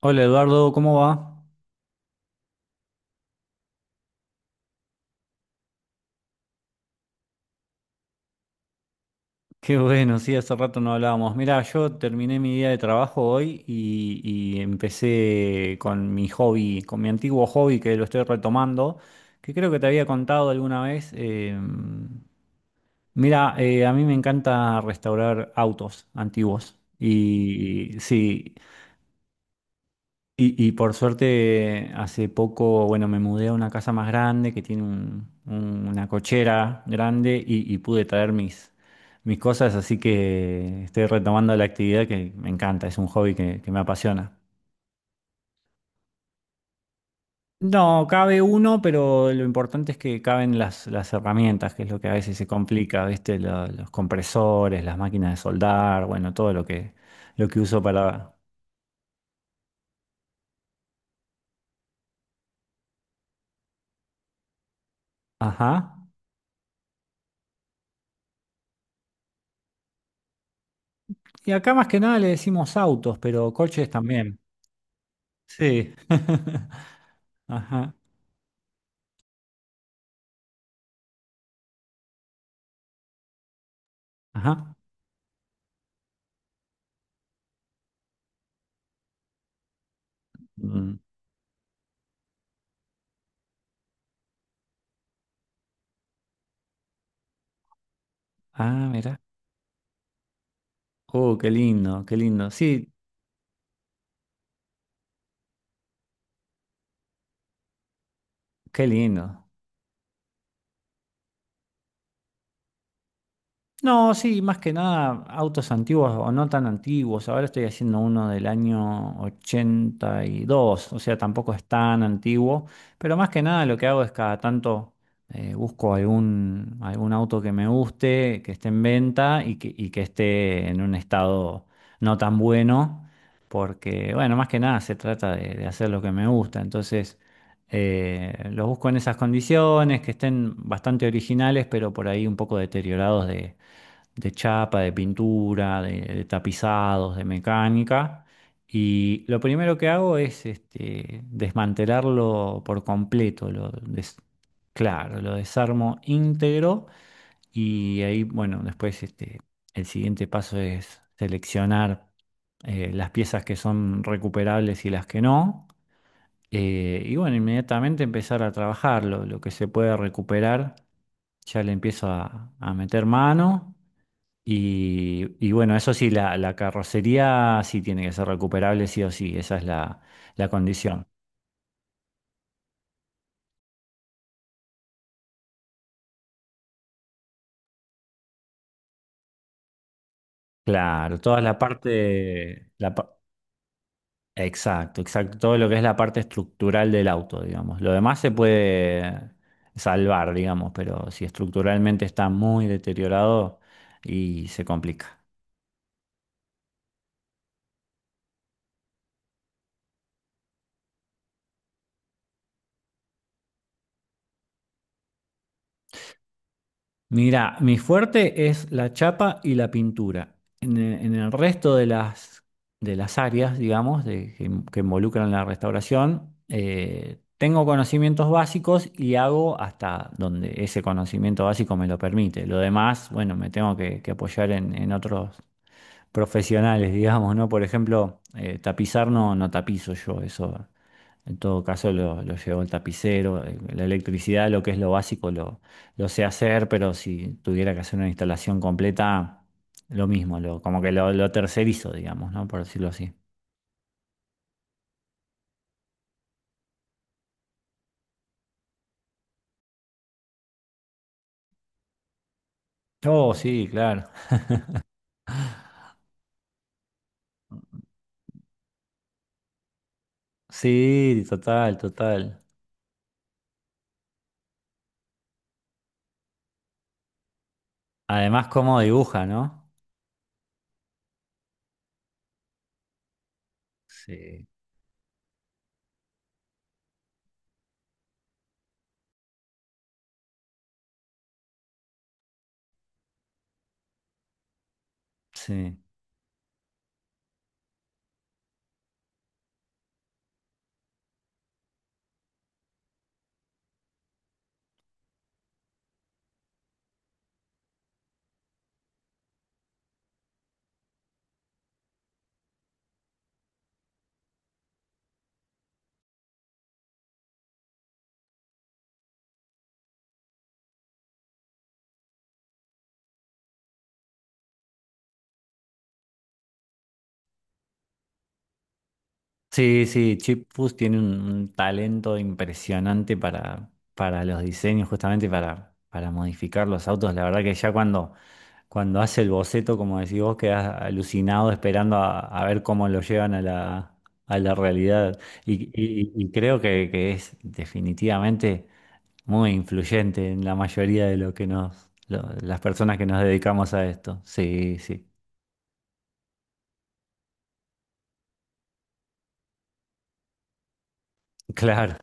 Hola Eduardo, ¿cómo va? Qué bueno, sí, hace rato no hablábamos. Mira, yo terminé mi día de trabajo hoy y empecé con mi hobby, con mi antiguo hobby que lo estoy retomando, que creo que te había contado alguna vez. Mira, a mí me encanta restaurar autos antiguos. Y sí, y por suerte, hace poco, bueno, me mudé a una casa más grande que tiene una cochera grande y pude traer mis cosas, así que estoy retomando la actividad que me encanta, es un hobby que me apasiona. No, cabe uno, pero lo importante es que caben las herramientas, que es lo que a veces se complica, ¿viste? Los compresores, las máquinas de soldar, bueno, todo lo que uso para... Ajá. Y acá más que nada le decimos autos, pero coches también. Sí. Ajá, ajá. Mm, ah, mira. Oh, qué lindo, qué lindo. Sí, qué lindo. No, sí, más que nada autos antiguos o no tan antiguos. Ahora estoy haciendo uno del año 82, o sea, tampoco es tan antiguo, pero más que nada lo que hago es cada tanto busco algún auto que me guste, que esté en venta y que esté en un estado no tan bueno, porque, bueno, más que nada se trata de hacer lo que me gusta. Entonces, los busco en esas condiciones, que estén bastante originales, pero por ahí un poco deteriorados de chapa, de pintura, de tapizados, de mecánica. Y lo primero que hago es este, desmantelarlo por completo. Claro, lo desarmo íntegro y ahí, bueno, después este, el siguiente paso es seleccionar las piezas que son recuperables y las que no. Y bueno, inmediatamente empezar a trabajarlo, lo que se puede recuperar ya le empiezo a meter mano y bueno, eso sí, la carrocería sí tiene que ser recuperable, sí o sí, esa es la condición. Claro, toda la parte, la, exacto, exacto, todo lo que es la parte estructural del auto, digamos. Lo demás se puede salvar, digamos, pero si estructuralmente está muy deteriorado y se complica. Mira, mi fuerte es la chapa y la pintura. En el resto de de las áreas, digamos, que involucran la restauración, tengo conocimientos básicos y hago hasta donde ese conocimiento básico me lo permite. Lo demás, bueno, me tengo que apoyar en otros profesionales, digamos, ¿no? Por ejemplo, tapizar no, no tapizo yo, eso en todo caso lo llevo el tapicero, la electricidad, lo que es lo básico, lo sé hacer, pero si tuviera que hacer una instalación completa, lo mismo, lo, como que lo tercerizo, digamos, ¿no? Por decirlo así. Oh, sí, claro. Sí, total, total. Además, cómo dibuja, ¿no? Sí. Sí. Sí, sí, Chip Foose tiene un talento impresionante para los diseños, justamente para modificar los autos. La verdad que ya cuando hace el boceto, como decís vos, quedás alucinado esperando a ver cómo lo llevan a a la realidad. Y creo que es definitivamente muy influyente en la mayoría de lo que nos, las personas que nos dedicamos a esto. Sí, sí, claro.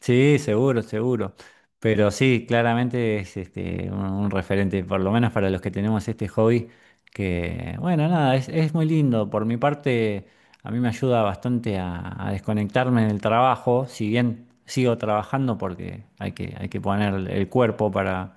Sí, seguro, seguro. Pero sí, claramente es este, un referente, por lo menos para los que tenemos este hobby, que bueno, nada, es muy lindo. Por mi parte, a mí me ayuda bastante a desconectarme en el trabajo, si bien sigo trabajando porque hay hay que poner el cuerpo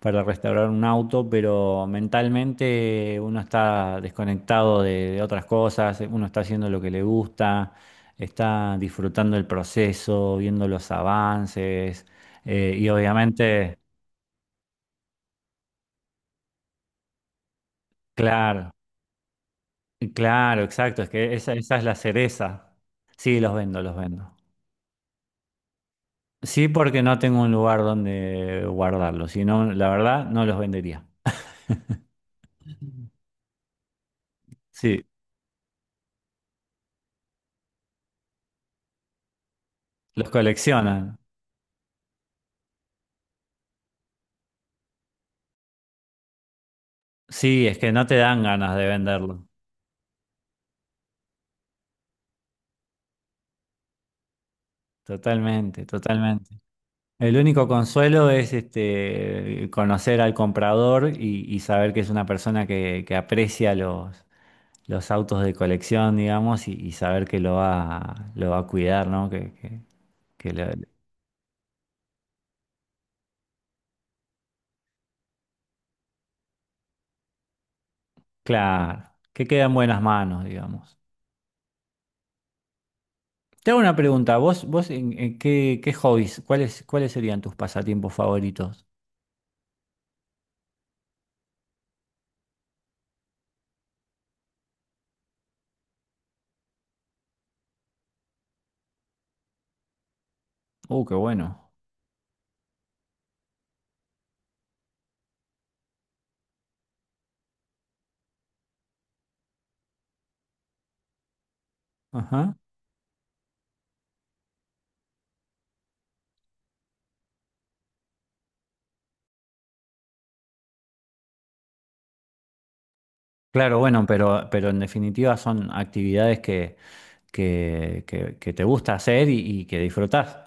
para restaurar un auto, pero mentalmente uno está desconectado de otras cosas, uno está haciendo lo que le gusta, está disfrutando el proceso, viendo los avances, y obviamente, claro, claro, exacto, es que esa es la cereza. Sí, los vendo, los vendo. Sí, porque no tengo un lugar donde guardarlos, si no, la verdad, no los vendería. Sí, los coleccionan. Sí, es que no te dan ganas de venderlo. Totalmente, totalmente. El único consuelo es este, conocer al comprador y saber que es una persona que aprecia los autos de colección, digamos, y saber que lo va a cuidar, ¿no? Que, que lo- claro, que queda en buenas manos, digamos. Te hago una pregunta, vos, vos en qué, qué hobbies, ¿cuáles, cuáles serían tus pasatiempos favoritos? Qué bueno. Ajá. Claro, bueno, pero en definitiva son actividades que que te gusta hacer y que disfrutás.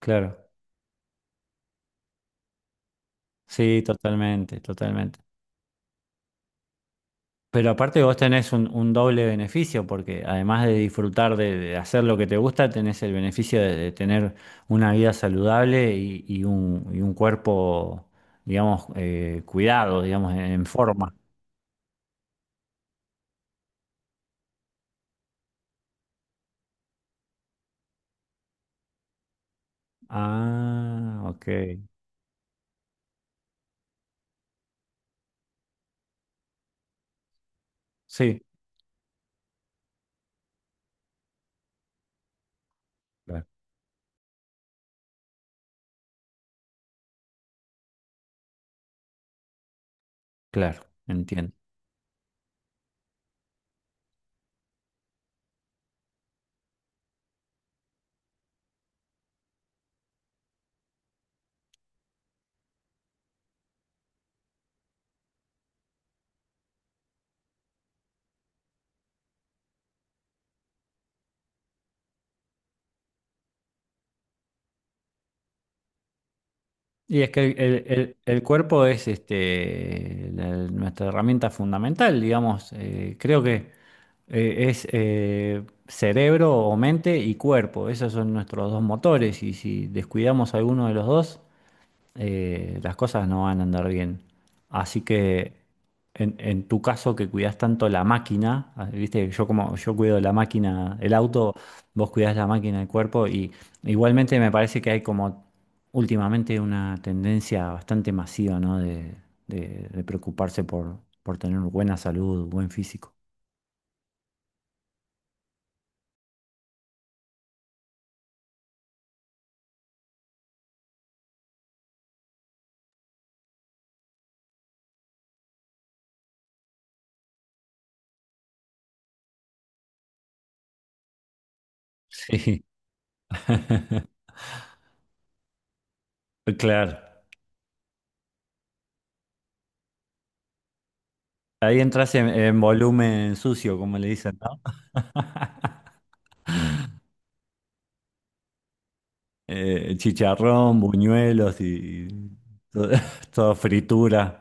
Claro, sí, totalmente, totalmente. Pero aparte vos tenés un doble beneficio, porque además de disfrutar de hacer lo que te gusta, tenés el beneficio de tener una vida saludable y un cuerpo, digamos, cuidado, digamos, en forma. Ah, ok. Sí, claro, claro, entiendo. Y es que el cuerpo es este, la- nuestra herramienta fundamental, digamos. Creo que es cerebro o mente y cuerpo. Esos son nuestros dos motores y si descuidamos alguno de los dos, las cosas no van a andar bien. Así que en tu caso que cuidas tanto la máquina, ah, viste, yo como yo cuido la máquina, el auto, vos cuidás la máquina, el cuerpo, y igualmente me parece que hay como últimamente una tendencia bastante masiva, ¿no? De, de preocuparse por tener buena salud, buen físico. Sí, claro. Ahí entras en volumen sucio, como le dicen, ¿no? Chicharrón, buñuelos y to- todo, fritura.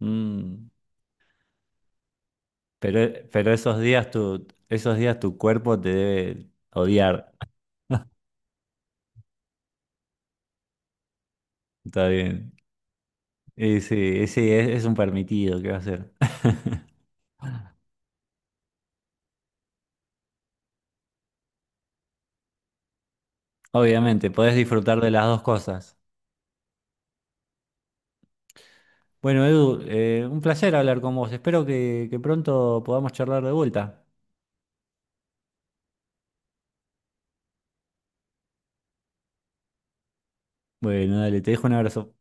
Mm, pero esos días tu cuerpo te debe odiar. Está bien. Y sí, es un permitido, ¿qué va a ser? Obviamente, podés disfrutar de las dos cosas. Bueno, Edu, un placer hablar con vos. Espero que pronto podamos charlar de vuelta. Bueno, dale, te dejo un abrazo.